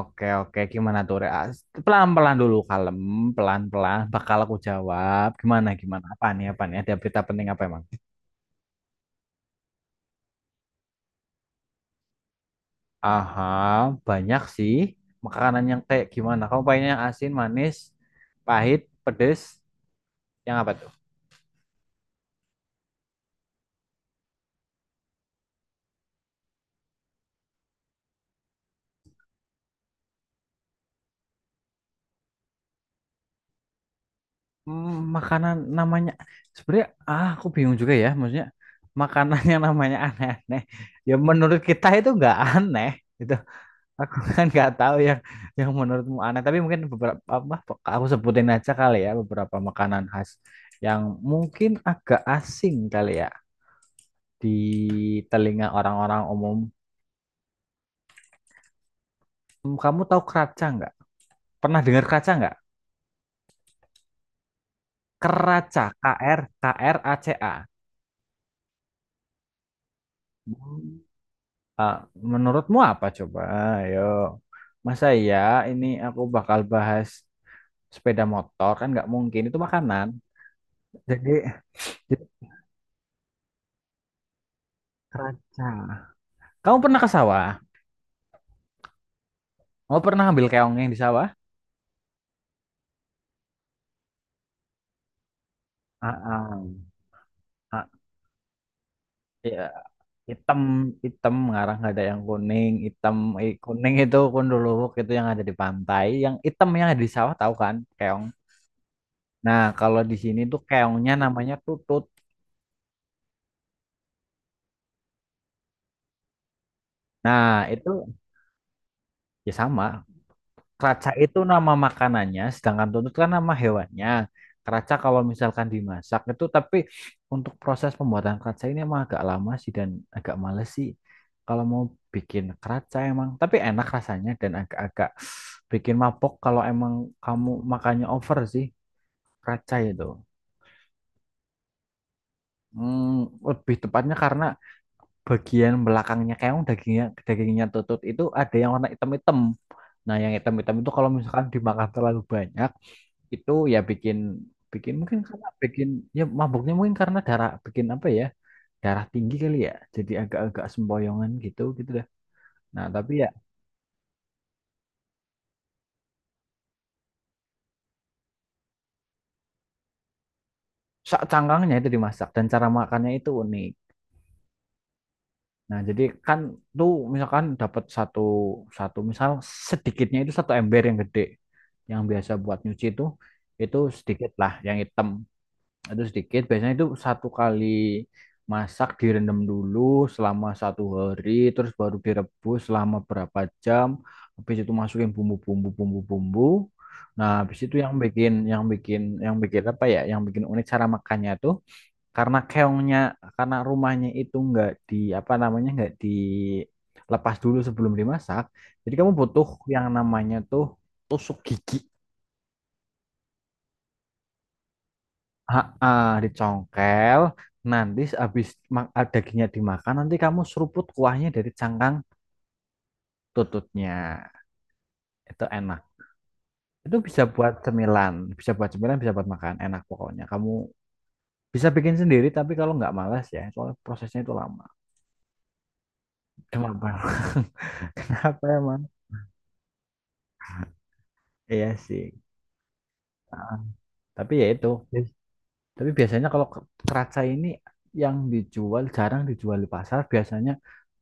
Oke, oke. Gimana tuh, Rea? Pelan-pelan dulu, kalem. Pelan-pelan. Bakal aku jawab. Gimana, gimana? Apa nih, apa nih? Ada berita penting apa emang? Aha, banyak sih. Makanan yang kayak gimana? Kamu pengennya yang asin, manis, pahit, pedes, yang apa tuh? Makanan namanya. Sebenarnya, aku bingung juga ya. Maksudnya, makanan yang namanya aneh-aneh. Ya, menurut kita itu nggak aneh. Gitu. Aku kan nggak tahu yang menurutmu aneh, tapi mungkin beberapa apa aku sebutin aja kali ya, beberapa makanan khas yang mungkin agak asing kali ya di telinga orang-orang umum. Kamu tahu keraca nggak? Pernah dengar keraca nggak? Keraca, Kraca. Hmm. Ah, Menurutmu apa coba? Ayo. Masa ya ini aku bakal bahas sepeda motor, kan nggak mungkin itu makanan. Jadi, jadi Keraca. Kamu pernah ke sawah? Oh, pernah ambil keong yang di sawah? Ah, ah, ah. Iya, hitam, hitam ngarang, nggak ada yang kuning hitam. Eh, kuning itu kondolowok, itu yang ada di pantai. Yang hitam yang ada di sawah, tahu kan keong. Nah, kalau di sini tuh keongnya namanya tutut. Nah, itu ya sama. Keraca itu nama makanannya, sedangkan tuntut kan nama hewannya. Keraca kalau misalkan dimasak itu, tapi untuk proses pembuatan keraca ini emang agak lama sih, dan agak males sih. Kalau mau bikin keraca emang, tapi enak rasanya, dan agak-agak bikin mabok kalau emang kamu makannya over sih, keraca itu. Hmm, Lebih tepatnya karena bagian belakangnya keong, dagingnya dagingnya tutut itu ada yang warna hitam-hitam. Nah, yang hitam-hitam itu kalau misalkan dimakan terlalu banyak, itu ya bikin bikin mungkin karena bikin, ya mabuknya, mungkin karena darah, bikin apa ya, darah tinggi kali ya, jadi agak-agak sempoyongan gitu gitu dah. Nah, tapi ya sak cangkangnya itu dimasak, dan cara makannya itu unik. Nah, jadi kan tuh misalkan dapat satu satu misal, sedikitnya itu satu ember yang gede yang biasa buat nyuci itu sedikit lah yang hitam. Itu sedikit, biasanya itu satu kali masak direndam dulu selama satu hari, terus baru direbus selama berapa jam. Habis itu masukin bumbu-bumbu, nah, habis itu yang bikin yang bikin apa ya, yang bikin unik cara makannya tuh, karena keongnya, karena rumahnya itu nggak di apa namanya, nggak dilepas dulu sebelum dimasak. Jadi kamu butuh yang namanya tuh tusuk gigi. Dicongkel. Nanti habis dagingnya dimakan, nanti kamu seruput kuahnya dari cangkang tututnya. Itu enak. Itu bisa buat cemilan, bisa buat makan. Enak pokoknya. Kamu bisa bikin sendiri, tapi kalau nggak malas ya, soalnya prosesnya itu lama. Kenapa? Kenapa emang? Iya sih. Ah, Tapi ya itu. Tapi biasanya kalau keraca ini yang dijual, jarang dijual di pasar. Biasanya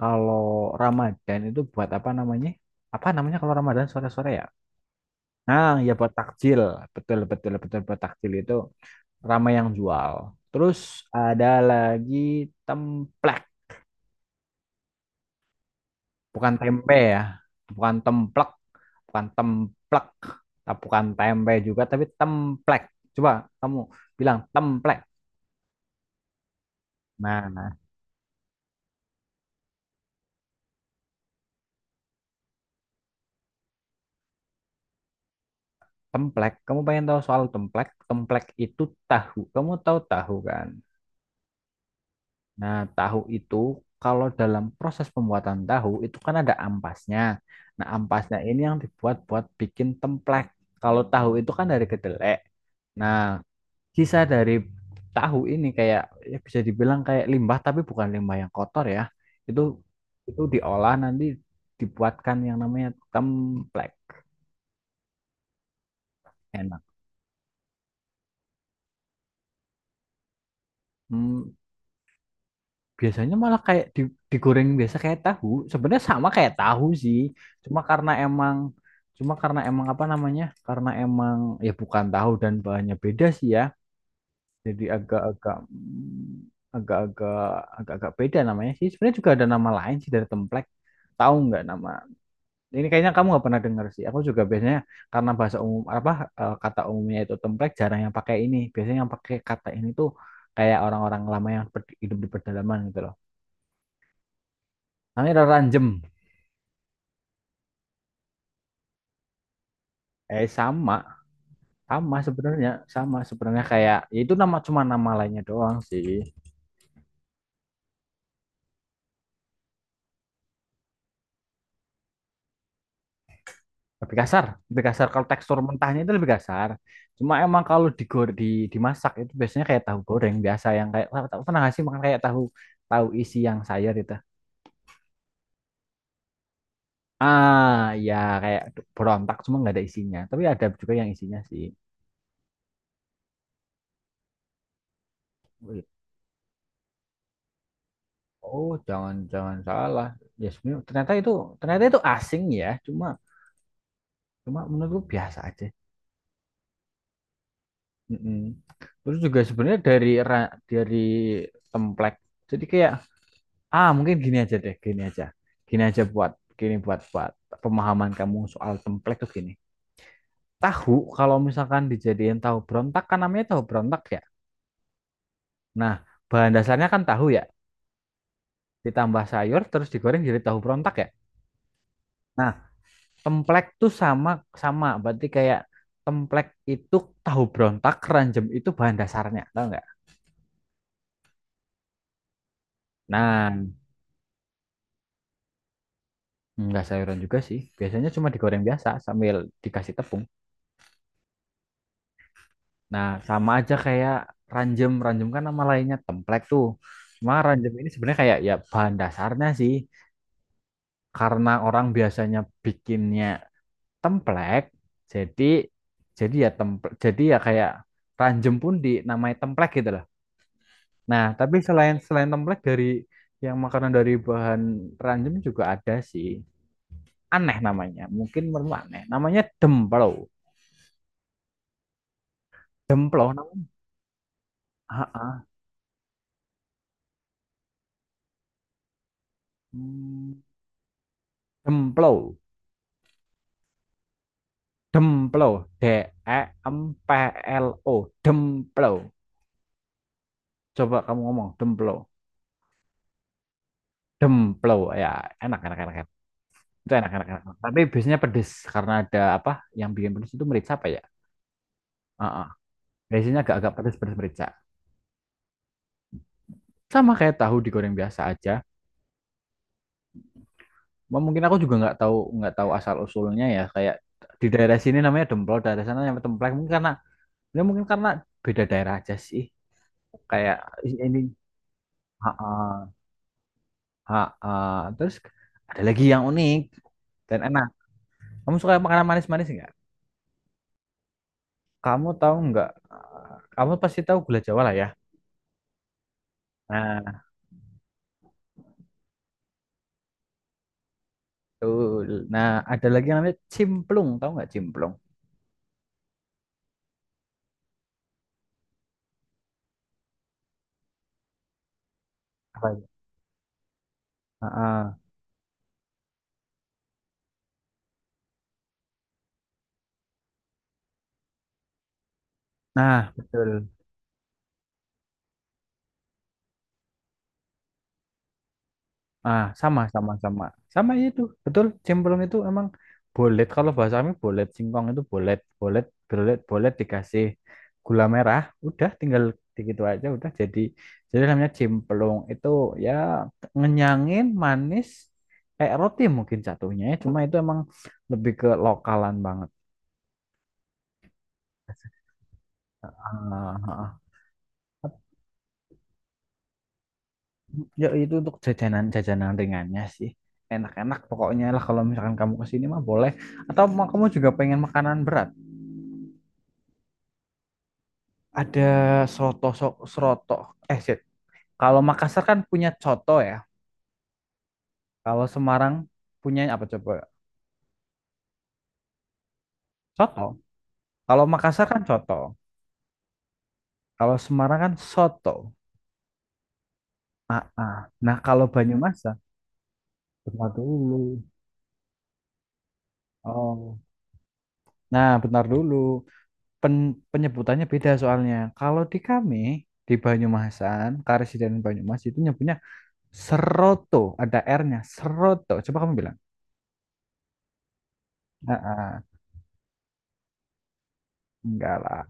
kalau Ramadan itu buat apa namanya? Apa namanya kalau Ramadan sore-sore ya? Nah, ya buat takjil. Betul, betul, betul, buat takjil itu ramai yang jual. Terus ada lagi templek, bukan tempe ya. Bukan templek, bukan templek. Nah, bukan tempe juga, tapi templek. Coba kamu bilang templek. Nah, templek, kamu pengen tahu soal templek? Templek itu tahu. Kamu tahu tahu kan? Nah, tahu itu kalau dalam proses pembuatan tahu itu kan ada ampasnya. Nah, ampasnya ini yang dibuat buat bikin templek. Kalau tahu itu kan dari kedelai. Nah, sisa dari tahu ini kayak, ya bisa dibilang kayak limbah, tapi bukan limbah yang kotor ya. Itu, diolah nanti, dibuatkan yang namanya templek. Enak. Hmm, Biasanya malah kayak digoreng biasa kayak tahu. Sebenarnya sama kayak tahu sih. Cuma karena emang cuma karena emang apa namanya? Karena emang ya bukan tahu, dan bahannya beda sih ya. Jadi agak-agak agak-agak agak-agak beda namanya sih. Sebenarnya juga ada nama lain sih dari templek. Tahu nggak nama? Ini kayaknya kamu nggak pernah dengar sih. Aku juga biasanya karena bahasa umum apa, eh, kata umumnya itu templek, jarang yang pakai ini. Biasanya yang pakai kata ini tuh kayak orang-orang lama yang hidup di pedalaman gitu loh. Namanya ranjem. Eh, sama, sama sebenarnya, sama sebenarnya kayak, ya itu nama, cuma nama lainnya doang sih. Lebih kasar kalau tekstur mentahnya itu lebih kasar. Cuma emang kalau digor di dimasak itu biasanya kayak tahu goreng biasa, yang kayak tahu, pernah nggak sih makan kayak tahu tahu isi yang sayur itu. Ah, Ya kayak berontak, cuma nggak ada isinya. Tapi ada juga yang isinya sih. Wih, oh, jangan-jangan salah. Ya sebenarnya ternyata itu, asing ya. Cuma cuma menurutku biasa aja. Mm-mm. Terus juga sebenarnya dari dari template. Jadi kayak, mungkin gini aja deh, gini aja. Gini aja buat gini buat buat pemahaman kamu soal template tuh gini. Tahu kalau misalkan dijadiin tahu berontak, kan namanya tahu berontak ya. Nah, bahan dasarnya kan tahu ya. Ditambah sayur terus digoreng jadi tahu berontak ya. Nah, template tuh sama sama, berarti kayak, template itu tahu berontak, ranjem itu bahan dasarnya, tahu nggak? Nah, enggak sayuran juga sih. Biasanya cuma digoreng biasa sambil dikasih tepung. Nah, sama aja kayak ranjem. Ranjem kan nama lainnya templek tuh. Cuma ranjem ini sebenarnya kayak, ya bahan dasarnya sih. Karena orang biasanya bikinnya templek, jadi jadi ya templek, jadi ya kayak ranjem pun dinamai templek gitu loh. Nah, tapi selain, templek, dari yang makanan dari bahan ranjem juga ada sih. Aneh namanya. Mungkin menurutmu aneh. Namanya demplo. Demplo. Heeh. Hmm. Demplo, demplo, D E M P L O, demplo. Coba kamu ngomong demplo, demplo ya, enak enak enak enak. Itu enak enak enak. Tapi biasanya pedes karena ada apa? Yang bikin pedes itu merica apa ya? Heeh. Biasanya agak-agak pedes pedes merica. Sama kayak tahu digoreng biasa aja. Wah, mungkin aku juga nggak tahu asal usulnya ya. Kayak di daerah sini namanya demplo, daerah sana namanya templek. Mungkin karena beda daerah aja sih. Kayak ini, heeh. Ha, terus ada lagi yang unik dan enak. Kamu suka makanan manis-manis nggak? Kamu tahu nggak? Kamu pasti tahu gula Jawa lah ya. Nah, betul. Nah, ada lagi yang namanya cimplung. Tahu nggak cimplung? Apa itu? Ah, ah. Nah, betul. Sama, sama, sama. Sama itu. Betul, cemplung itu emang bolet, kalau bahasa kami bolet. Singkong itu bolet, bolet, bolet, bolet, dikasih gula merah, udah, tinggal begitu aja udah jadi. Jadi namanya cemplung itu ya, ngenyangin, manis, kayak roti mungkin jatuhnya ya. Cuma itu emang lebih ke lokalan banget. Ah, Ya itu untuk jajanan, jajanan ringannya sih. Enak-enak pokoknya lah, kalau misalkan kamu kesini mah, boleh. Atau kamu juga pengen makanan berat? Ada seroto, seroto, eh, shit. Kalau Makassar kan punya coto ya. Kalau Semarang punya apa coba? Coto. Kalau Makassar kan coto. Kalau Semarang kan soto. Ah, ah. Nah, kalau Banyumasan, bentar dulu. Oh. Nah, bentar dulu. Penyebutannya beda soalnya. Kalau di kami di Banyumasan, Karesidenan Banyumas itu nyebutnya seroto, ada R-nya, seroto. Coba kamu bilang. Ah, ah. Enggak lah.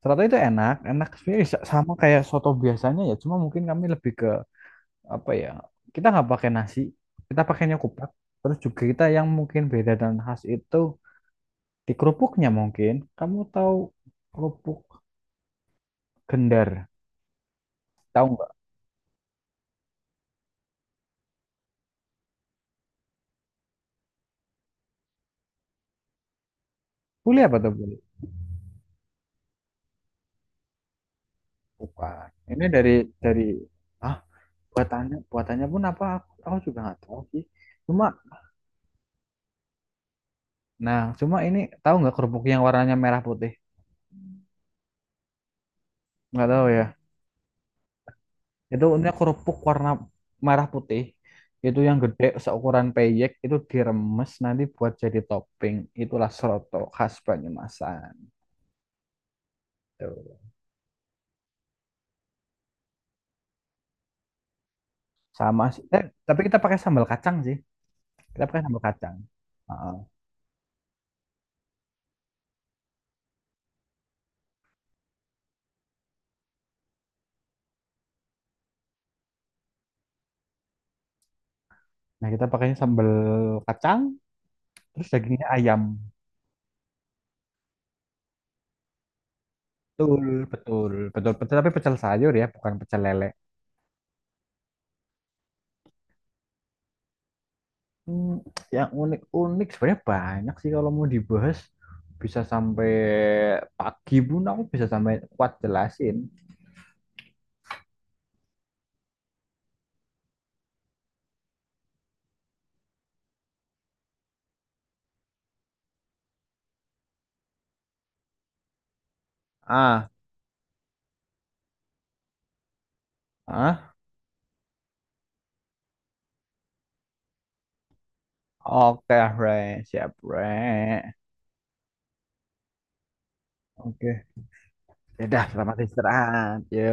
Soto itu enak, enak sebenarnya, sama kayak soto biasanya ya, cuma mungkin kami lebih ke apa ya? Kita nggak pakai nasi, kita pakainya kupat. Terus juga kita yang mungkin beda dan khas itu di kerupuknya mungkin. Kamu tahu kerupuk gendar? Tahu nggak? Boleh apa tuh boleh? Bukan. Ini dari, dari ah buatannya, pun apa? Aku juga nggak tahu sih. Cuma nah cuma ini tahu nggak kerupuk yang warnanya merah putih? Nggak tahu ya. Itu untuknya kerupuk warna merah putih. Itu yang gede seukuran peyek, itu diremes nanti buat jadi topping. Itulah soto khas Banyumasan. Tuh. Sama sih. Eh, tapi kita pakai sambal kacang sih. Kita pakai sambal kacang. Heeh. Nah, kita pakainya sambal kacang, terus dagingnya ayam. Betul, betul, betul, betul. Tapi pecel sayur ya, bukan pecel lele. Hmm, yang unik-unik sebenarnya banyak sih, kalau mau dibahas bisa sampai pagi pun, aku bisa sampai kuat jelasin. Ah, ah, oke Re, siap Re. Oke, ya udah, selamat istirahat. Yo,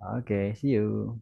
oke, see you.